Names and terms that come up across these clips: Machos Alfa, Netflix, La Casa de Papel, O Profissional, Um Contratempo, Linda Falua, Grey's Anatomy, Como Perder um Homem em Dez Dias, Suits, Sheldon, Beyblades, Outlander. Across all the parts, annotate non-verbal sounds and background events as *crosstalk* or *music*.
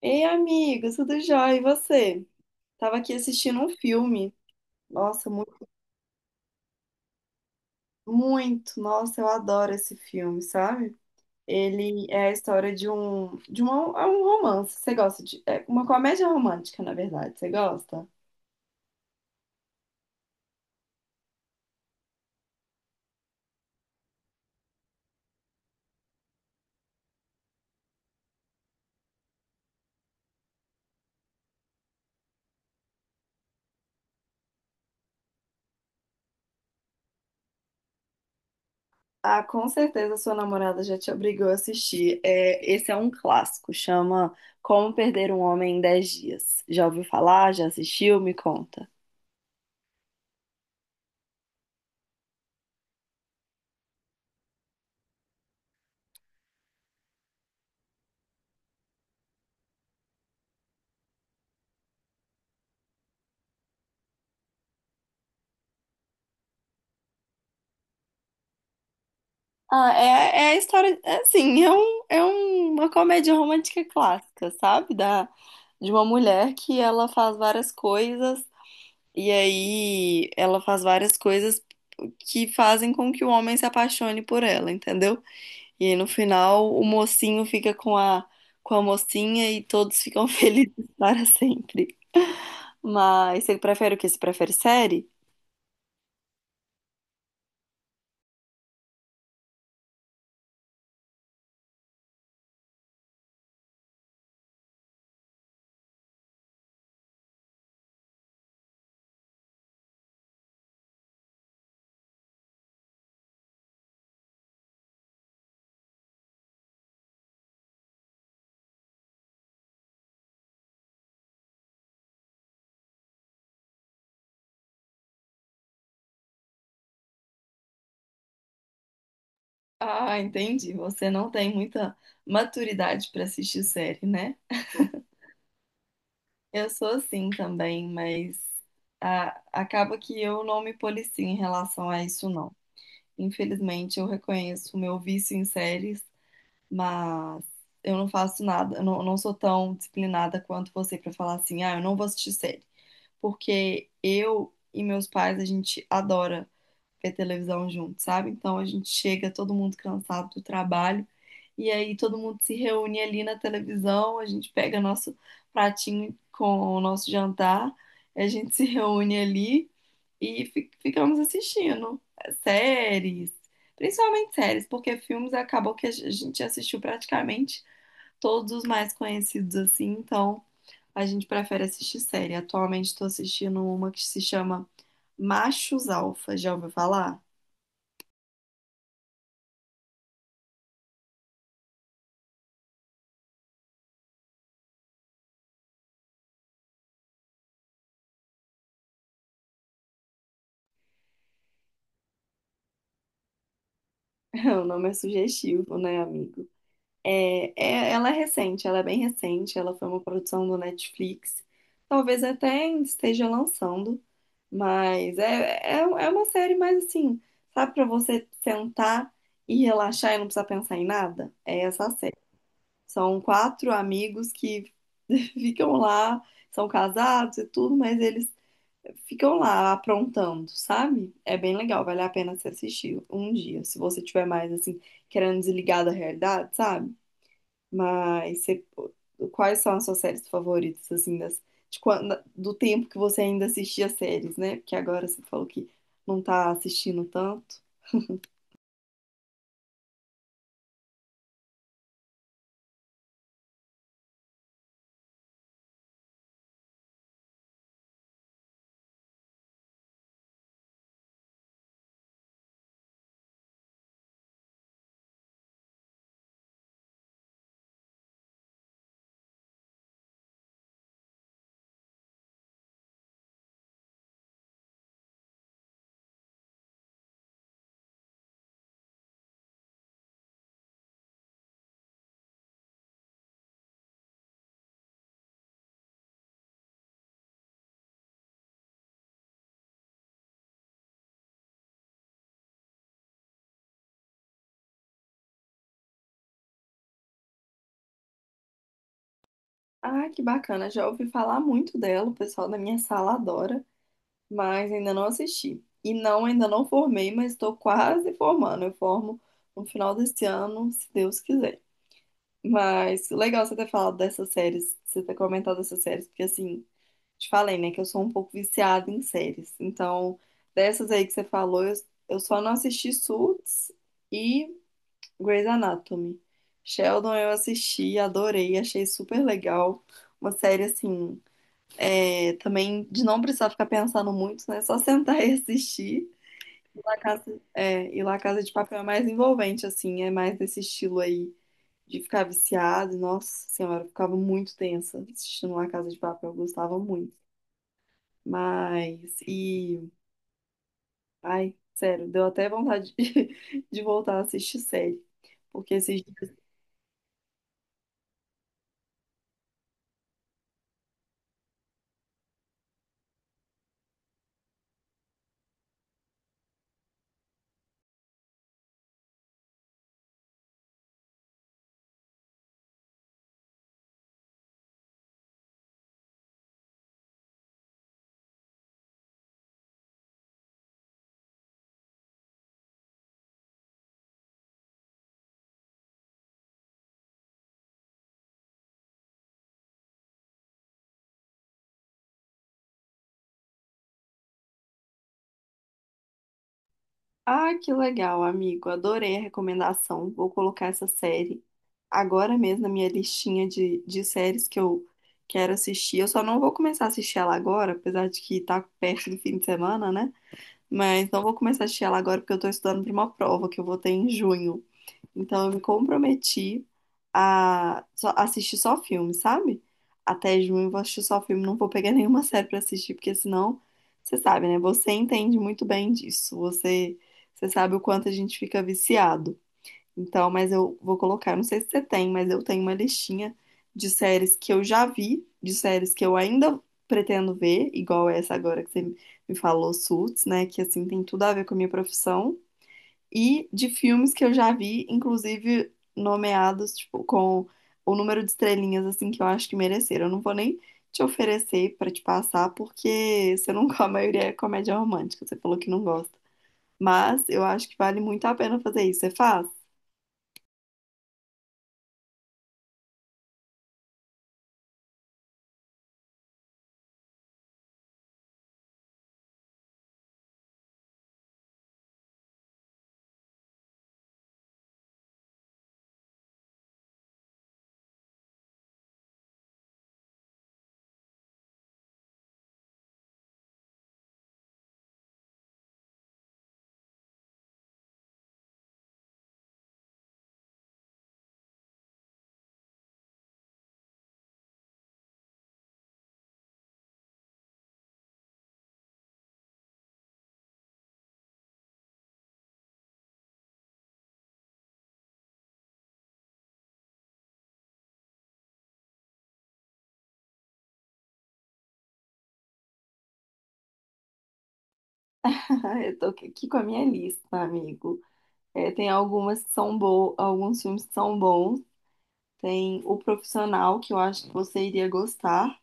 Ei, amigo, tudo jóia? E você? Tava aqui assistindo um filme. Nossa, muito, muito. Nossa, eu adoro esse filme, sabe? Ele é a história de um, de uma, é um romance. É uma comédia romântica, na verdade. Você gosta? Ah, com certeza sua namorada já te obrigou a assistir. É, esse é um clássico, chama Como Perder um Homem em Dez Dias. Já ouviu falar? Já assistiu? Me conta. Ah, é a história, é assim, uma comédia romântica clássica, sabe? De uma mulher que ela faz várias coisas, e aí ela faz várias coisas que fazem com que o homem se apaixone por ela, entendeu? E aí, no final o mocinho fica com a mocinha e todos ficam *laughs* felizes para sempre. Mas você prefere o quê? Você prefere série? Ah, entendi. Você não tem muita maturidade para assistir série, né? Eu sou assim também, mas ah, acaba que eu não me policio em relação a isso, não. Infelizmente, eu reconheço o meu vício em séries, mas eu não faço nada, eu não, não sou tão disciplinada quanto você para falar assim, ah, eu não vou assistir série. Porque eu e meus pais, a gente adora ver televisão junto, sabe? Então a gente chega todo mundo cansado do trabalho e aí todo mundo se reúne ali na televisão, a gente pega nosso pratinho com o nosso jantar, a gente se reúne ali e ficamos assistindo séries, principalmente séries, porque filmes acabou que a gente assistiu praticamente todos os mais conhecidos assim, então a gente prefere assistir série. Atualmente estou assistindo uma que se chama Machos Alfa, já ouviu falar? *laughs* O nome é sugestivo, né, amigo? Ela é recente, ela é bem recente, ela foi uma produção do Netflix. Talvez até esteja lançando, mas é uma série mais assim, sabe, pra você sentar e relaxar e não precisar pensar em nada? É essa a série. São quatro amigos que *laughs* ficam lá, são casados e tudo, mas eles ficam lá aprontando, sabe? É bem legal, vale a pena se assistir um dia, se você tiver mais assim, querendo desligar da realidade, sabe? Mas você- quais são as suas séries favoritas, assim, das, de quando, do tempo que você ainda assistia séries, né? Porque agora você falou que não tá assistindo tanto. Ah, que bacana, já ouvi falar muito dela, o pessoal da minha sala adora, mas ainda não assisti. E não, ainda não formei, mas estou quase formando. Eu formo no final desse ano, se Deus quiser. Mas legal você ter falado dessas séries, você ter comentado essas séries, porque assim, te falei, né, que eu sou um pouco viciada em séries. Então, dessas aí que você falou, eu só não assisti Suits e Grey's Anatomy. Sheldon eu assisti, adorei, achei super legal. Uma série assim, também de não precisar ficar pensando muito, né? Só *laughs* sentar e assistir. E La Casa de Papel é mais envolvente, assim, é mais desse estilo aí de ficar viciado. Nossa senhora, eu ficava muito tensa assistindo La Casa de Papel, eu gostava muito. Mas, ai, sério, deu até vontade *laughs* de voltar a assistir série. Porque esses dias. Ah, que legal, amigo, adorei a recomendação. Vou colocar essa série agora mesmo na minha listinha de séries que eu quero assistir. Eu só não vou começar a assistir ela agora, apesar de que tá perto do fim de semana, né? Mas não vou começar a assistir ela agora porque eu tô estudando pra uma prova que eu vou ter em junho. Então eu me comprometi a assistir só filme, sabe? Até junho eu vou assistir só filme, não vou pegar *laughs* nenhuma série pra assistir, porque senão, você sabe, né? Você entende muito bem disso. Você sabe o quanto a gente fica viciado. Então, mas eu vou colocar, não sei se você tem, mas eu tenho uma listinha de séries que eu já vi, de séries que eu ainda pretendo ver, igual essa agora que você me falou, Suits, né? Que assim tem tudo a ver com a minha profissão e de filmes que eu já vi, inclusive nomeados, tipo, com o número de estrelinhas, assim, que eu acho que mereceram. Eu não vou nem te oferecer pra te passar, porque você não, *laughs* a maioria é comédia romântica, você falou que não gosta. Mas eu acho que vale muito a pena fazer isso. Você faz? *laughs* Eu tô aqui com a minha lista, amigo. É, tem algumas que são boas, alguns filmes que são bons. Tem O Profissional, que eu acho que você iria gostar.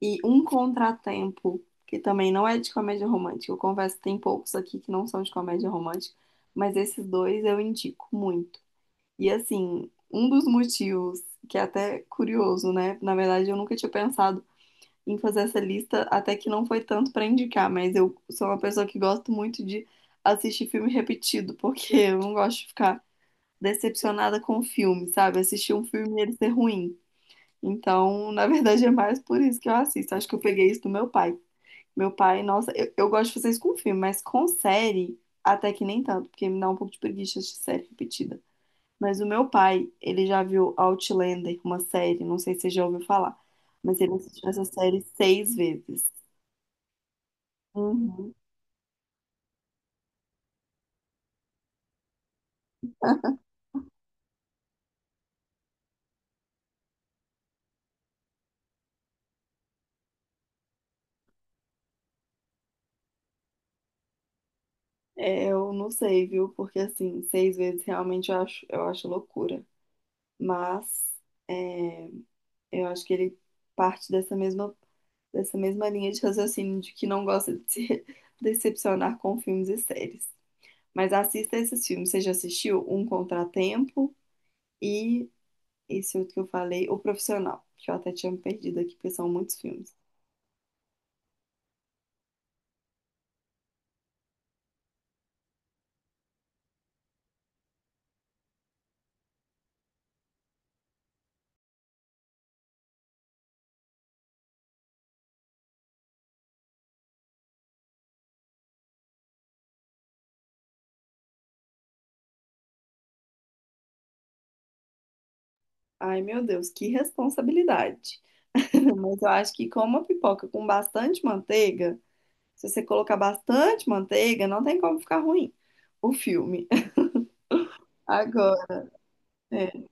E Um Contratempo, que também não é de comédia romântica. Eu confesso que tem poucos aqui que não são de comédia romântica, mas esses dois eu indico muito. E assim, um dos motivos, que é até curioso, né? Na verdade, eu nunca tinha pensado em fazer essa lista, até que não foi tanto pra indicar, mas eu sou uma pessoa que gosto muito de assistir filme repetido, porque eu não gosto de ficar decepcionada com o filme, sabe? Assistir um filme e ele ser ruim. Então, na verdade, é mais por isso que eu assisto. Acho que eu peguei isso do meu pai. Meu pai, nossa, eu gosto de fazer isso com filme, mas com série, até que nem tanto, porque me dá um pouco de preguiça de série repetida. Mas o meu pai, ele já viu Outlander, uma série, não sei se você já ouviu falar, mas ele assistiu essa série seis vezes. Uhum. É, eu não sei, viu? Porque assim, seis vezes realmente eu acho, loucura. Mas é, eu acho que ele parte dessa mesma linha de raciocínio de que não gosta de se *laughs* decepcionar com filmes e séries. Mas assista esses filmes. Você já assistiu Um Contratempo e esse outro que eu falei, O Profissional, que eu até tinha me perdido aqui, porque são muitos filmes. Ai, meu Deus, que responsabilidade. *laughs* Mas eu acho que com uma pipoca com bastante manteiga, se você colocar bastante manteiga, não tem como ficar ruim o filme. *laughs* Agora, é.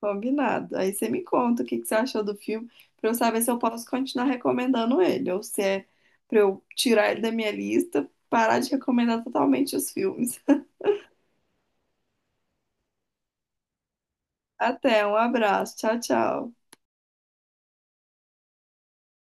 Combinado. Aí você me conta o que que você achou do filme, pra eu saber se eu posso continuar recomendando ele, ou se é pra eu tirar ele da minha lista, parar de recomendar totalmente os filmes. *laughs* Até, um abraço. Tchau, tchau.